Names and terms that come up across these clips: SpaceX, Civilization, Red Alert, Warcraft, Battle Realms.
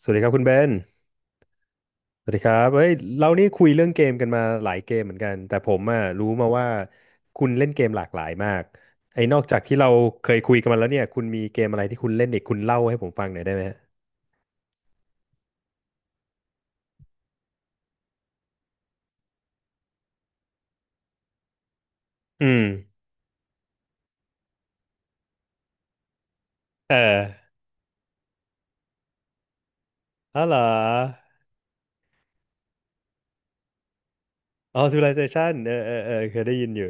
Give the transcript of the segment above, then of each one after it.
สวัสดีครับคุณเบน สวัสดีครับเฮ้ยเรานี่คุยเรื่องเกมกันมาหลายเกมเหมือนกัน แต่ผมอ่ะรู้มาว่าคุณเล่นเกมหลากหลายมากไอ้นอกจากที่เราเคยคุยกันมาแล้วเนี่ยคุณมีเกมอะไรที่คุณเล่นอีกคุณเล่าให้ผมฟังหน่อยได้ไหมฮะ อืมเอออ๋อเหรออ๋อ Civilization เออเออเออเคยได้ยินอยู่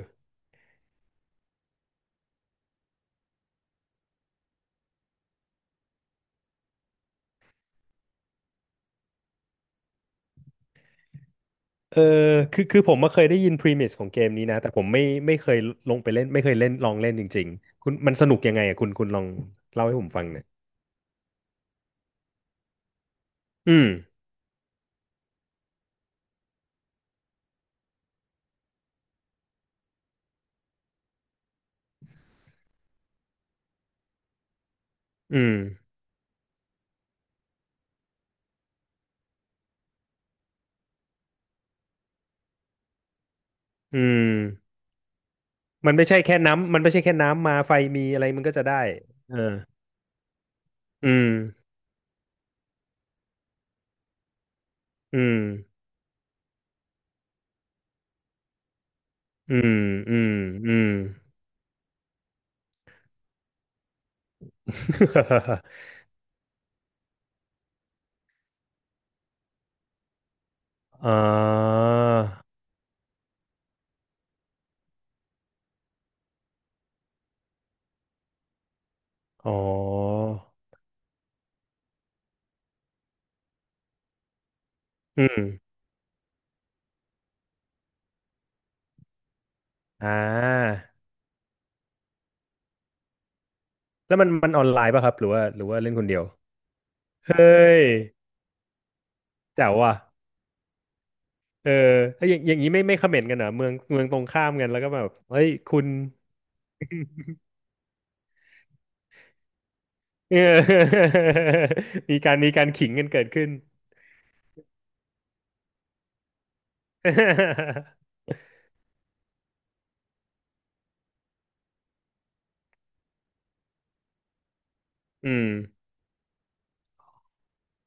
เออคือผมมาเคยได้ยิน premise ของเกมนี้นะแต่ผมไม่เคยลงไปเล่น ไม่เคยเล่นลองเล่นจริงๆคุณมันสนุกยังไงอ่ะคุณลองเล่าให้ผมฟังหน่อยอืมอืมอืม มันไม่ใช่แค่น้ำ มันไม่ใช่แค่น้ำมาไฟมีอะไรมันก็จะได้เอออืมอืมอืมอืมอืม อ่าอ๋ออืมอ่าแล้วมันออนไลน์ป่ะครับหรือว่าเล่นคนเดียว เฮ้ยแจ๋วว่ะเออแล้วอย่างอย่างนี้ไม่ไม่คอมเมนต์กันเหรอเมืองตรงข้ามกันแล้วก็แบบเฮ้ยคุณ เออ มีการขิงกันเกิดขึ้น อืม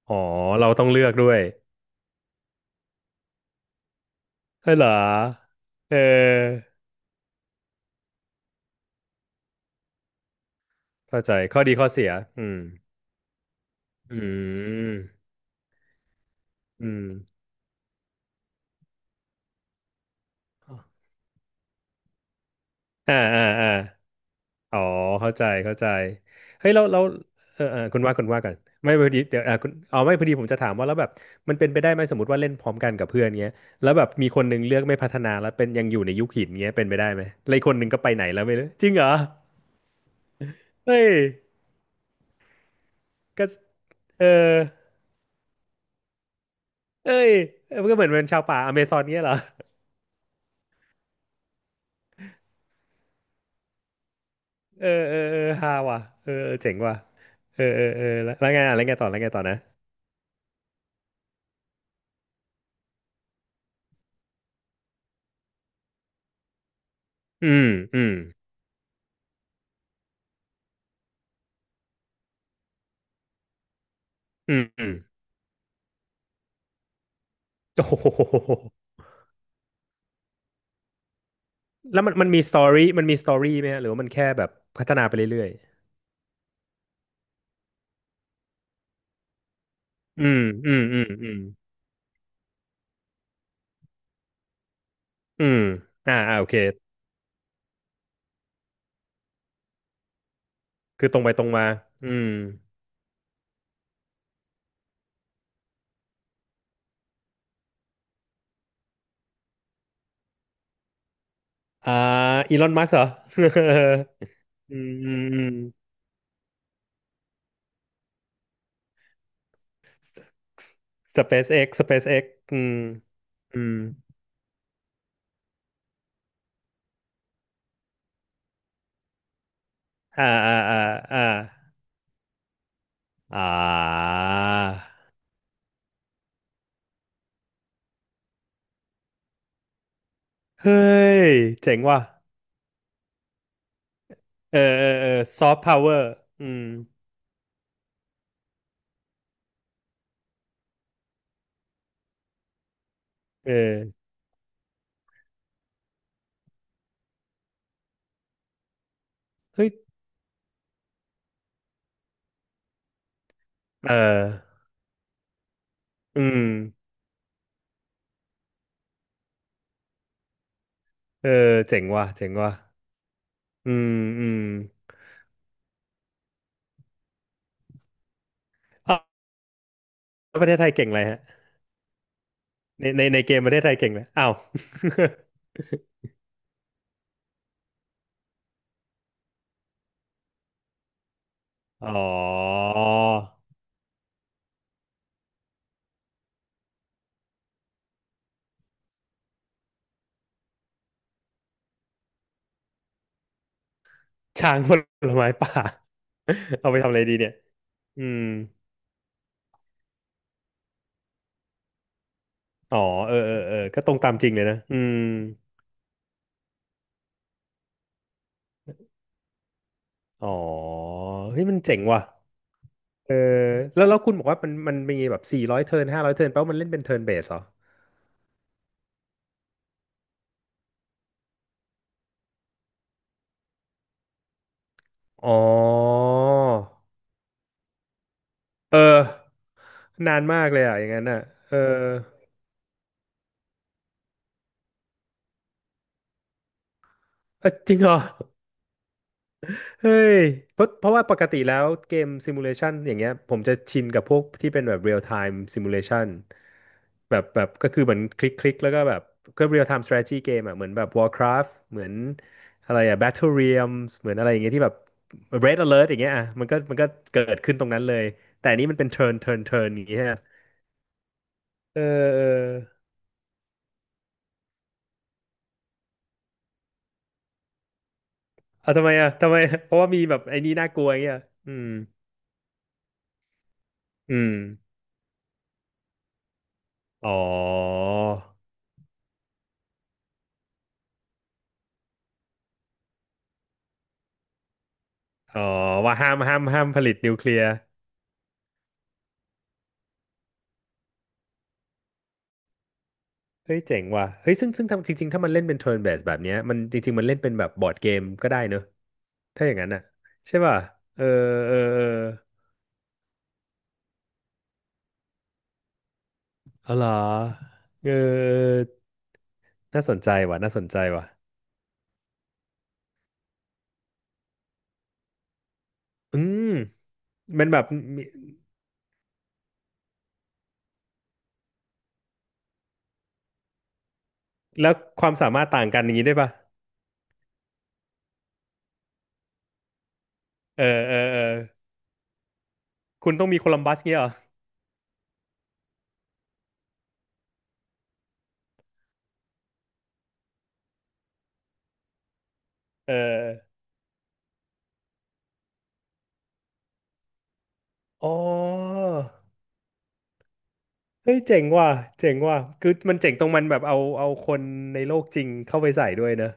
อ๋อ เราต้องเลือกด้วย เฮ้ยเหรอเออเข้าใจข้อดีข้อเสียอืมอืมอืมอ่าอ่าอ่าอ๋อเข้าใจเข้าใจเฮ้ยเราเออเออคุณว่ากันไม่พอดีเดี๋ยวอ่าคุณอ๋อไม่พอดีผมจะถามว่าแล้วแบบมันเป็นไปได้ไหมสมมติว่าเล่นพร้อมกันกับเพื่อนเงี้ยแล้วแบบมีคนหนึงเลือกไม่พัฒนาแล้วเป็นยังอยู่ในยุคหินเงี้ยเป็นไปได้ไหมแล้วอีกคนหนึงก็ไปไหนแล้วไม่รู้จริงเหรอเฮ้ยก็เออเอ้ยมันก็เหมือนเป็นชาวป่าอเมซอนเงี้ยเหรอ เออเออเออฮาว่ะเออเออเจ๋งว่ะเออเออเออแล้วแล้วไงอ่ะแล้วไงต่อแล้วไงต่อนะอืมอืมอืมอืม โอ้โหแล้วมันมันมีสตอรี่มันมีสตอรี่ไหมฮะหรือว่ามันแค่แบบพัฒนาไปเรื่อยๆอืมอืมอืมอืมอืมอ่าอ่าโอเคคือตรงไปตรงมาอืมอ่าอีลอนมัสเหรอ อืมอืมอืม SpaceX SpaceX อืมอืมอ่าอ่าอ่าอ่าอ่า เฮ้ยเจ๋งว่ะเออเออเออซอฟต์พาวเวอร์อืมเออเฮ้ยเอออืมเออเจ๋งว่ะเจ๋งว่ะอืมอืมอ้าวแล้วประเทศไทยเก่งอะไรฮะในในในเกมประเทศไทยเก่งเลยอ้าว อ๋อช้างผลไม้ป่า เอาไปทำอะไรดีเนี่ยอืมอ๋อเออเออเออก็ตรงตามจริงเลยนะอืมอ๋อเฮ้ยมันเจ๋งว่ะ เออแล้วแล้วคุณบอกว่ามันมันมีแบบสี่ร้อยเทิร์นห้าร้อยเทิร์นแปลว่ามันเล่นเป็นเทิร์นเบสเหรออ๋อเออนานมากเลยอ่ะอย่างนั้นอ่ะเออเออจริงเหรอ เฮ้ยเพราะเพราะว่าปกติแล้วเกมซิมูเลชันอย่างเงี้ยผมจะชินกับพวกที่เป็นแบบเรียลไทม์ซิมูเลชันแบบแบบก็คือเหมือนคลิกคลิกแล้วก็แบบก็เรียลไทม์สตร a ทจีจีเกมอ่ะเหมือนแบบ Warcraft เหมือนอะไรอ่ะ Battle Realms เหมือนอะไรอย่างเงี้ยที่แบบ Red Alert อย่างเงี้ยอ่ะมันก็มันก็เกิดขึ้นตรงนั้นเลยแต่อันนี้มันเป็น turn turn turn อย่างเงี้ยเออเออเอาทำไมอ่ะทำไมเพราะว่ามีแบบไอ้นี่น่ากลัวอย่างเงี้ยอืมอืมอ๋อ อ๋อว่าห้ามห้ามห้ามผลิตนิวเคลียร์เฮ้ยเจ๋งว่ะเฮ้ยซึ่งซึ่งทำจริงๆถ้ามันเล่นเป็นเทิร์นเบสแบบเนี้ยมันจริงๆมันเล่นเป็นแบบบอร์ดเกมก็ได้เนอะถ้าอย่างนั้นอ่ะใช่ป่ะเออเออเออเอาเหรอเออน่าสนใจว่ะน่าสนใจว่ะอืมมันแบบมีแล้วความสามารถต่างกันอย่างนี้ได้ป่ะเออเออเออคุณต้องมีโคลัมบัสเงี้ยเหรอเอออ๋อเฮ้ยเจ๋งว่ะเจ๋งว่ะคือมันเจ๋งตรงมันแบบเอาเอาคนในโลกจริงเข้าไปใส่ด้วยเนอะ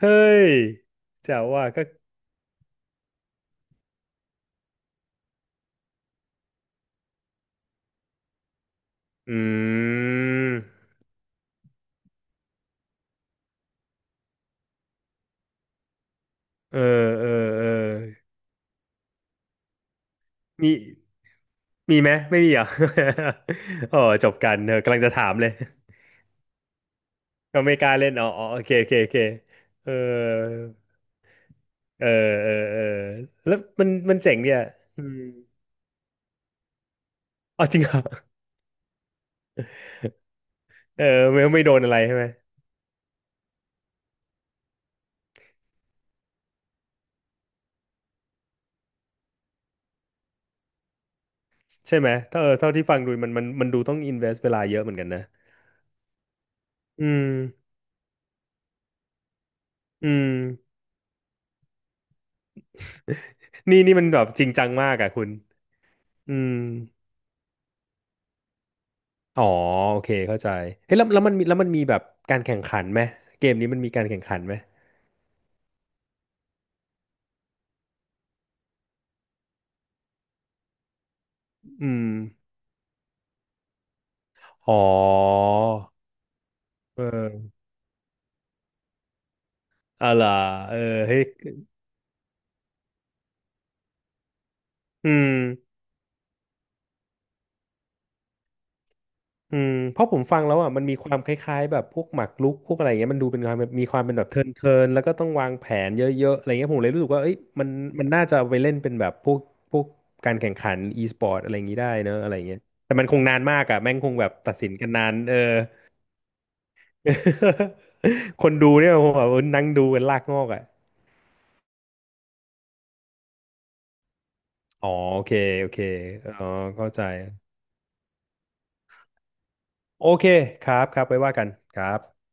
เฮ้ยแจ๋วว่ะก็อืมเออเออเออมีมีไหมไม่มีเหรอ อ๋อจบกันเออกำลังจะถามเลยก็ไม่กล้าเล่นอ๋ออ๋อโอเคโอเคโอเคเออเออเออเออแล้วมันมันเจ๋งเนี่ยอืมอ๋อจริงเหรอเออไม่ไม่โดนอะไรใช่ไหมใช่ไหมถ้าเออเท่าที่ฟังดูมันมันมันดูต้องอินเวสเวลาเยอะเหมือนกันนะอืมอืมนี่นี่มันแบบจริงจังมากอ่ะคุณอืม อ๋อโอเคเข้าใจเฮ้ยแล้วแล้วมันมีแล้วมันมีแบบการแข่งขันไหมเกมนี้มันมีการแข่งขันไหมอืมอ๋อเอออะล่ะเออเฮ้ยอืมอืมเพราะผมฟังแล้วอ่ะมันมีความคล้ายๆแบบพวกหมากรุกพวกอะไรเงี้ยมันดูเป็นความมีความเป็นแบบเทิร์นเทินแล้วก็ต้องวางแผนเยอะๆอะไรเงี้ยผมเลยรู้สึกว่าเอ้ยมันมันน่าจะเอาไปเล่นเป็นแบบพวกพวกการแข่งขันอีสปอร์ตอะไรอย่างงี้ได้เนอะอะไรเงี้ยแต่มันคงนานมากอ่ะแม่งคงแบบตัดสินกันนานเออ คนดูเนี่ยผมแบบนั่งดูเป็นลากงอกอ่ะ อ๋อโอเคโอเคอ๋อเข้าใจโอเคครับครับไว้ว่ากันครับ